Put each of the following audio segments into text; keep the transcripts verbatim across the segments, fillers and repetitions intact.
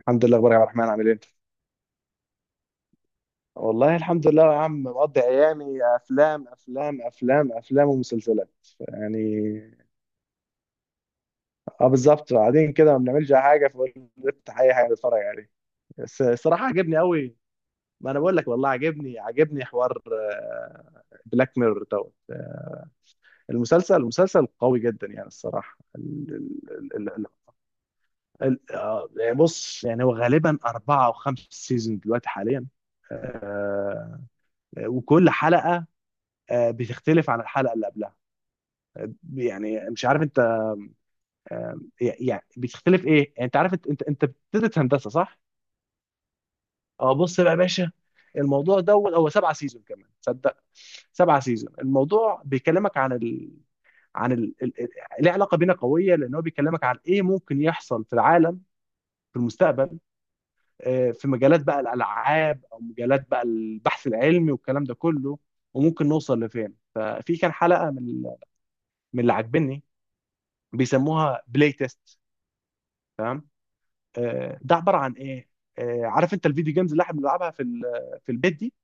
الحمد لله، اخبارك يا عبد الرحمن؟ عامل ايه؟ والله الحمد لله يا عم، مقضي ايامي افلام افلام افلام افلام ومسلسلات يعني. اه بالظبط، قاعدين كده ما بنعملش اي حاجه، فقلت افتح اي حاجه اتفرج عليه. بس الصراحه عجبني قوي. ما انا بقول لك والله، عجبني عجبني حوار بلاك ميرور دوت. آه، المسلسل المسلسل قوي جدا يعني. الصراحه ال ال ال ال ال- آه، يعني بص، يعني هو غالبا اربعه او خمس سيزون دلوقتي حاليا. آه، وكل حلقه آه، بتختلف عن الحلقه اللي قبلها. آه، يعني مش عارف انت. آه، يعني بتختلف ايه، يعني انت عارف، انت انت انت بتدرس هندسه صح؟ اه بص بقى يا باشا، الموضوع دوت هو سبعة سيزون، كمان صدق، سبعة سيزون. الموضوع بيكلمك عن ال... عن ال... ال... ال- ليه علاقه بينا قويه، لان هو بيكلمك عن ايه ممكن يحصل في العالم في المستقبل. آه، في مجالات بقى الالعاب، او مجالات بقى البحث العلمي والكلام ده كله، وممكن نوصل لفين. ففي كان حلقه من من اللي عاجبني، بيسموها بلاي تيست. تمام. آه، ده عباره عن ايه؟ آه، عارف انت الفيديو جيمز اللي احنا بنلعبها في ال- في البيت دي؟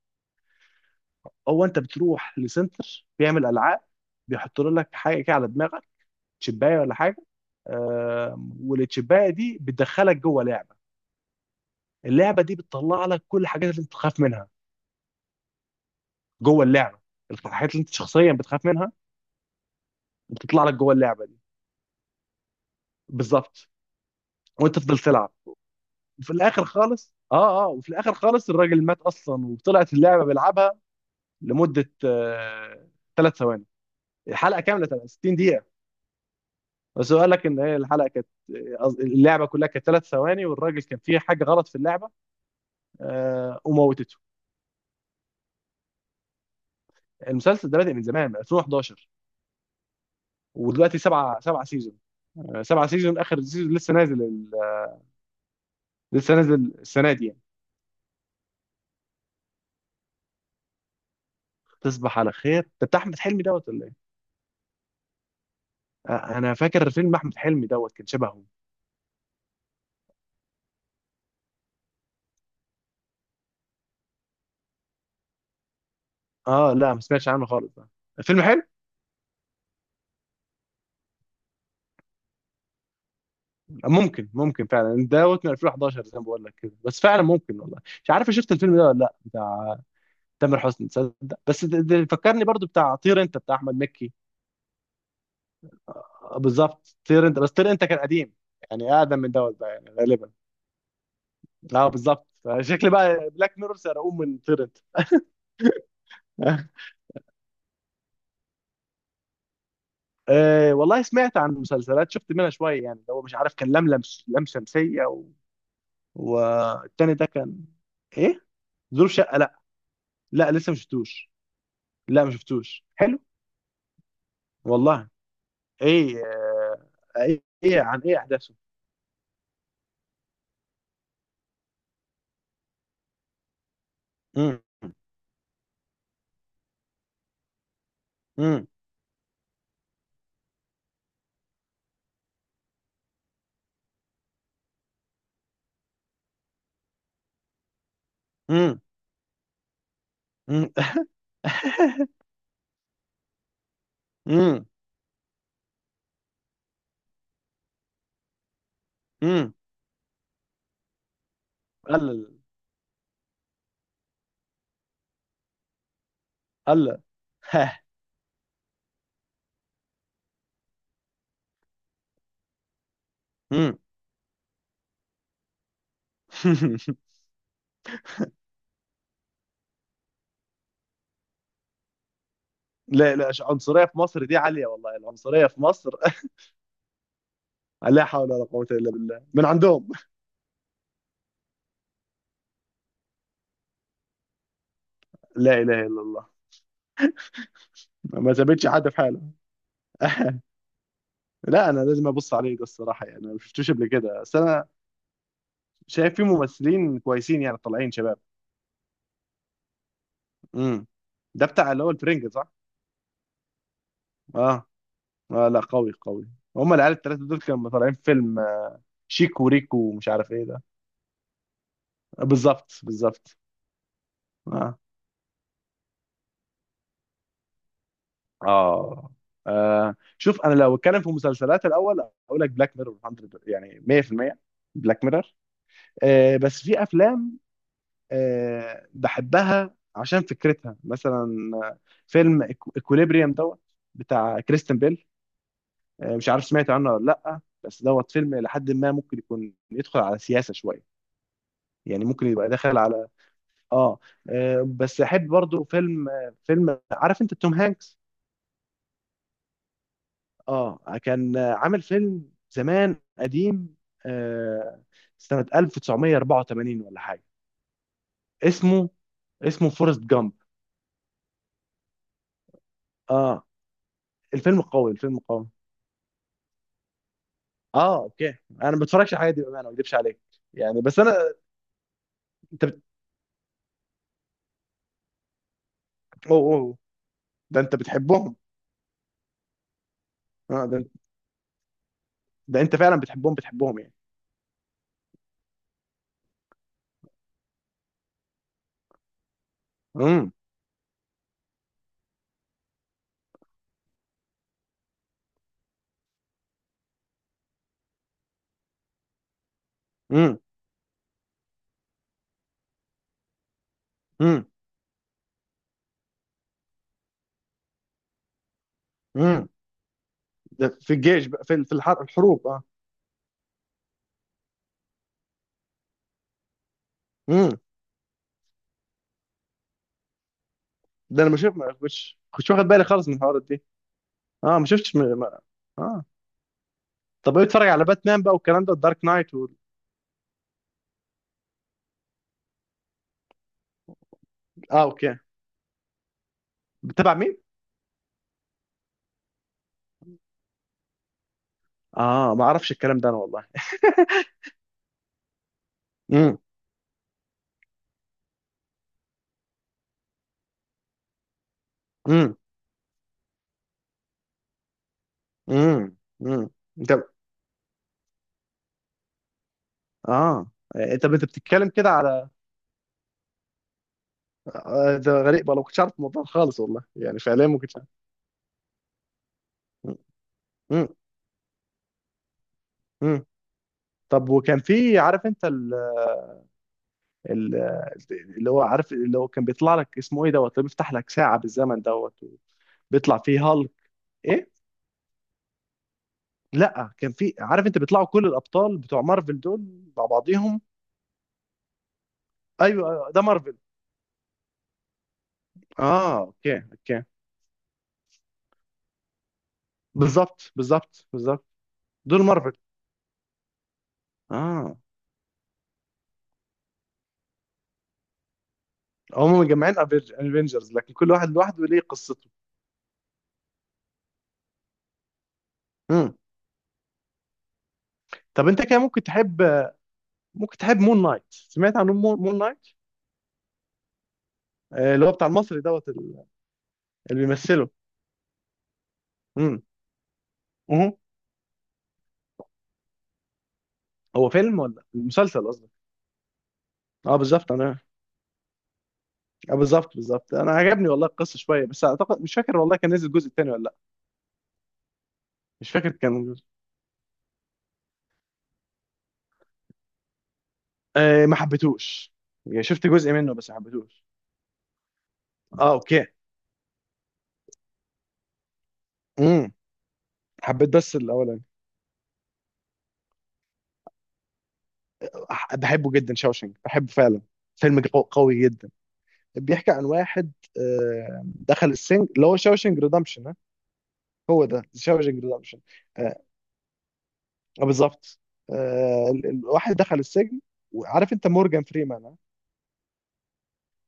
هو انت بتروح لسنتر بيعمل العاب، بيحط لك حاجه كده على دماغك، تشبايه ولا حاجه. آه، والتشبايه دي بتدخلك جوه لعبه، اللعبه دي بتطلع لك كل الحاجات اللي انت بتخاف منها جوه اللعبه. الحاجات اللي انت شخصيا بتخاف منها بتطلع لك جوه اللعبه دي. بالظبط، وانت تفضل تلعب. وفي الاخر خالص، اه اه وفي الاخر خالص الراجل مات اصلا، وطلعت اللعبه بيلعبها لمده ثلاث ثواني. الحلقه كامله تبقى ستين دقيقه، بس هو قال لك ان هي الحلقه كانت، قصد- اللعبه كلها كانت ثلاث ثواني، والراجل كان فيه حاجه غلط في اللعبه آه، وموتته. المسلسل ده بادئ من زمان، من ألفين وحداشر، ودلوقتي سبعه سبعه سيزون. آه، سبعه سيزون، اخر سيزون لسه نازل ال- لسه نازل السنه دي يعني. تصبح على خير ده بتاع احمد حلمي دوت ولا ايه؟ آه، انا فاكر فيلم احمد حلمي دوت كان شبهه. اه لا، ما سمعتش عنه خالص ده. فيلم حلو. ممكن ممكن فعلا دوت، من ألفين وحداشر زي ما بقول لك كده، بس فعلا ممكن والله. مش عارف أنا شفت الفيلم ده ولا لا، بتاع تامر حسني، تصدق. بس ده ده فكرني برضو بتاع طير انت بتاع احمد مكي. آه، بالظبط. طير انت، بس طير انت كان قديم، يعني اقدم من دوت بقى يعني غالبا. اه بالظبط، شكل بقى بلاك ميرور سرقوه من طير انت. آه والله، سمعت عن مسلسلات، شفت منها شويه يعني، اللي هو مش عارف كان لملم، لم شمسيه و... والتاني ده كان ايه؟ ظروف شقه؟ لا، لا لسه ما شفتوش. لا، ما شفتوش. حلو؟ والله؟ ايه؟ آه، ايه إيه عن ايه احداثه؟ مم. مم. مم. مم. مم. مم. قال. قال. ها. مم. لا لا، ش- عنصرية في مصر دي عالية والله، العنصرية في مصر. لا حول ولا قوة إلا بالله من عندهم. لا إله إلا الله. ما سابتش حد في حاله. لا، أنا لازم أبص عليه ده الصراحة يعني، أنا ما شفتوش قبل كده، بس أنا شايف فيه ممثلين كويسين يعني، طالعين شباب. مم. ده بتاع اللي هو الفرنجة صح؟ اه. آه لا، قوي قوي. هما العيال التلاتة دول كانوا طالعين فيلم آه، شيكو وريكو ومش عارف ايه ده. آه، بالظبط بالظبط. آه. اه. آه شوف، انا لو اتكلم في مسلسلات الاول، اقول لك بلاك ميرور مية، يعني مية في المية، بلاك ميرور. آه بس في افلام آه بحبها عشان فكرتها، مثلا آه، فيلم اكوليبريم دوت بتاع كريستن بيل. آه مش عارف سمعت عنه ولا لا، بس دوت فيلم لحد ما ممكن يكون يدخل على سياسة شوية، يعني ممكن يبقى داخل على اه. آه، بس احب برضو فيلم، آه، فيلم، عارف انت توم هانكس؟ اه كان آه، عامل فيلم زمان قديم آه، سنة ألف وتسعمية وأربعة وتمانين ولا حاجة. اسمه، اسمه فورست جامب. اه. الفيلم قوي، الفيلم قوي. اه اوكي. انا ما بتفرجش على الحاجات دي بامانه، ما اكذبش عليك يعني. بس انا انت بت... أوه أوه. ده انت بتحبهم؟ آه ده... ده انت فعلا بتحبهم بتحبهم يعني. امم امم. امم. امم. ده في الجيش بقى، في في الحر- الحروب. اه، ده انا ما شفت، ما كنتش كنتش واخد بالي خالص من الحوارات دي. اه ما شفتش م... ما... اه. طب ايه، بتتفرج على باتمان بقى والكلام ده، الدارك نايت وال...؟ اه اوكي. بتابع مين؟ اه ما اعرفش الكلام ده انا والله. امم. امم. امم. امم. انت اه، انت انت بتتكلم كده على، آه، ده غريب والله، ما كنتش عارف الموضوع خالص والله، يعني فعليا ما كنتش عارف. امم. امم. طب وكان في، عارف انت ال... ال... اللي هو عارف، اللي هو كان بيطلع لك اسمه ايه دوت، اللي بيفتح لك ساعة بالزمن دوت، بيطلع فيه هالك؟ ايه؟ لا كان في، عارف انت بيطلعوا كل الابطال بتوع مارفل دول مع بعضيهم. ايوه أيوة، ده مارفل. اه اوكي اوكي. بالظبط بالظبط بالظبط. دول مارفل. اه. هم مجمعين افنجرز، لكن كل واحد لوحده ليه قصته. مم. طب انت كده ممكن تحب، ممكن تحب مون نايت. سمعت عن مون مون نايت؟ آه، اللي هو بتاع المصري دوت، ال- اللي بيمثله. امم. اهو. هو فيلم ولا مسلسل قصدي؟ اه بالظبط انا، اه بالظبط بالظبط. انا عجبني والله القصه شويه، بس اعتقد مش فاكر والله كان نزل الجزء الثاني ولا لا. مش فاكر كان. آه، ما حبيتوش يعني. شفت جزء منه بس ما حبيتوش. اه اوكي. امم. حبيت بس الاولاني. أح- بحبه جدا شاوشنج، بحبه فعلا، فيلم قو- قوي جدا. بيحكي عن واحد آه، دخل السجن، اللي هو شاوشنج ريدمشن. هو ده شاوشنج ريدمشن. آه، بالظبط. آه، ال- الواحد دخل السجن، وعارف انت مورجان فريمان آه؟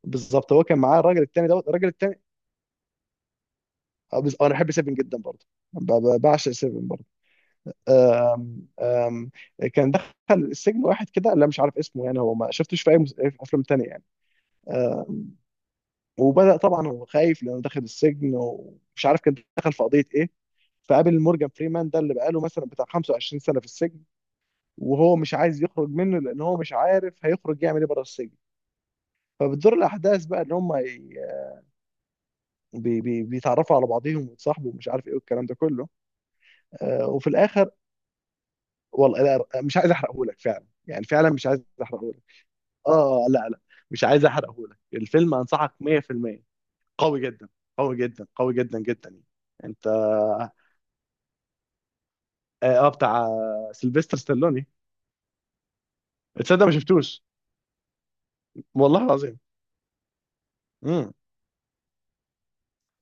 بالظبط. هو كان معاه الراجل التاني دوت، الراجل التاني. آه، بز- انا بحب سيفن جدا برضه. ب- ب- بعشق سيفن برضه. آم، آم، كان دخل السجن واحد كده، لا مش عارف اسمه يعني، هو ما شفتوش في اي مس- في افلام تانية يعني. وبدأ طبعا، هو خايف لانه دخل السجن ومش عارف كان دخل في قضية ايه، فقابل مورجان فريمان ده اللي بقاله مثلا بتاع خمسة وعشرين سنة في السجن. وهو مش عايز يخرج منه لان هو مش عارف هيخرج يعمل ايه بره السجن. فبتدور الاحداث بقى، ان هم ي- بي بي بيتعرفوا على بعضهم ويتصاحبوا، ومش عارف ايه والكلام ده كله. آه، وفي الاخر، والله، لا، مش عايز احرقه لك فعلا، يعني فعلا مش عايز احرقه. اه لا لا، مش عايز احرقه لك الفيلم، انصحك. مية في المية. قوي جدا، قوي جدا، قوي جدا جدا يعني. انت اه، آه، بتاع سيلفستر ستالوني. تصدق ما شفتوش، والله العظيم. امم.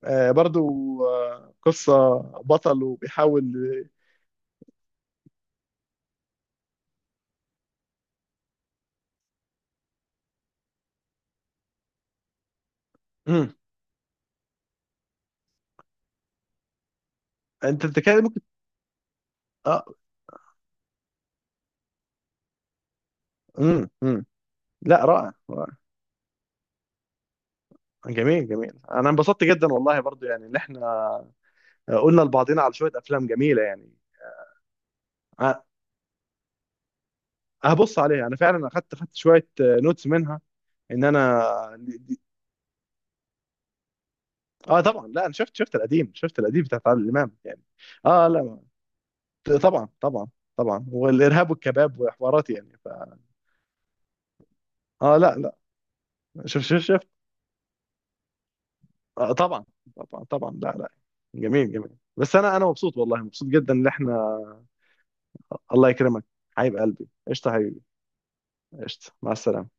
آه برضو. آه، قصة بطل، وبيحاول. امم. انت بتتكلم ممكن. اه. امم. امم. لا، رائع رائع. جميل جميل، انا انبسطت جدا والله برضو، يعني ان احنا آه، قلنا لبعضنا على شوية افلام جميلة يعني. آه، هبص عليها انا فعلا، اخدت اخدت شوية نوتس منها، ان انا. اه طبعا، لا انا شفت، شفت القديم، شفت القديم بتاع عادل امام يعني. اه لا طبعا، طبعا طبعا. والارهاب والكباب وحوارات يعني ف... اه لا لا، شوف شوف شوف. آه طبعا، طبعا طبعا. لا لا. جميل جميل، بس انا انا مبسوط والله، مبسوط جدا ان احنا. الله يكرمك. حبيب قلبي، قشطه حبيبي. قشطه، مع السلامه.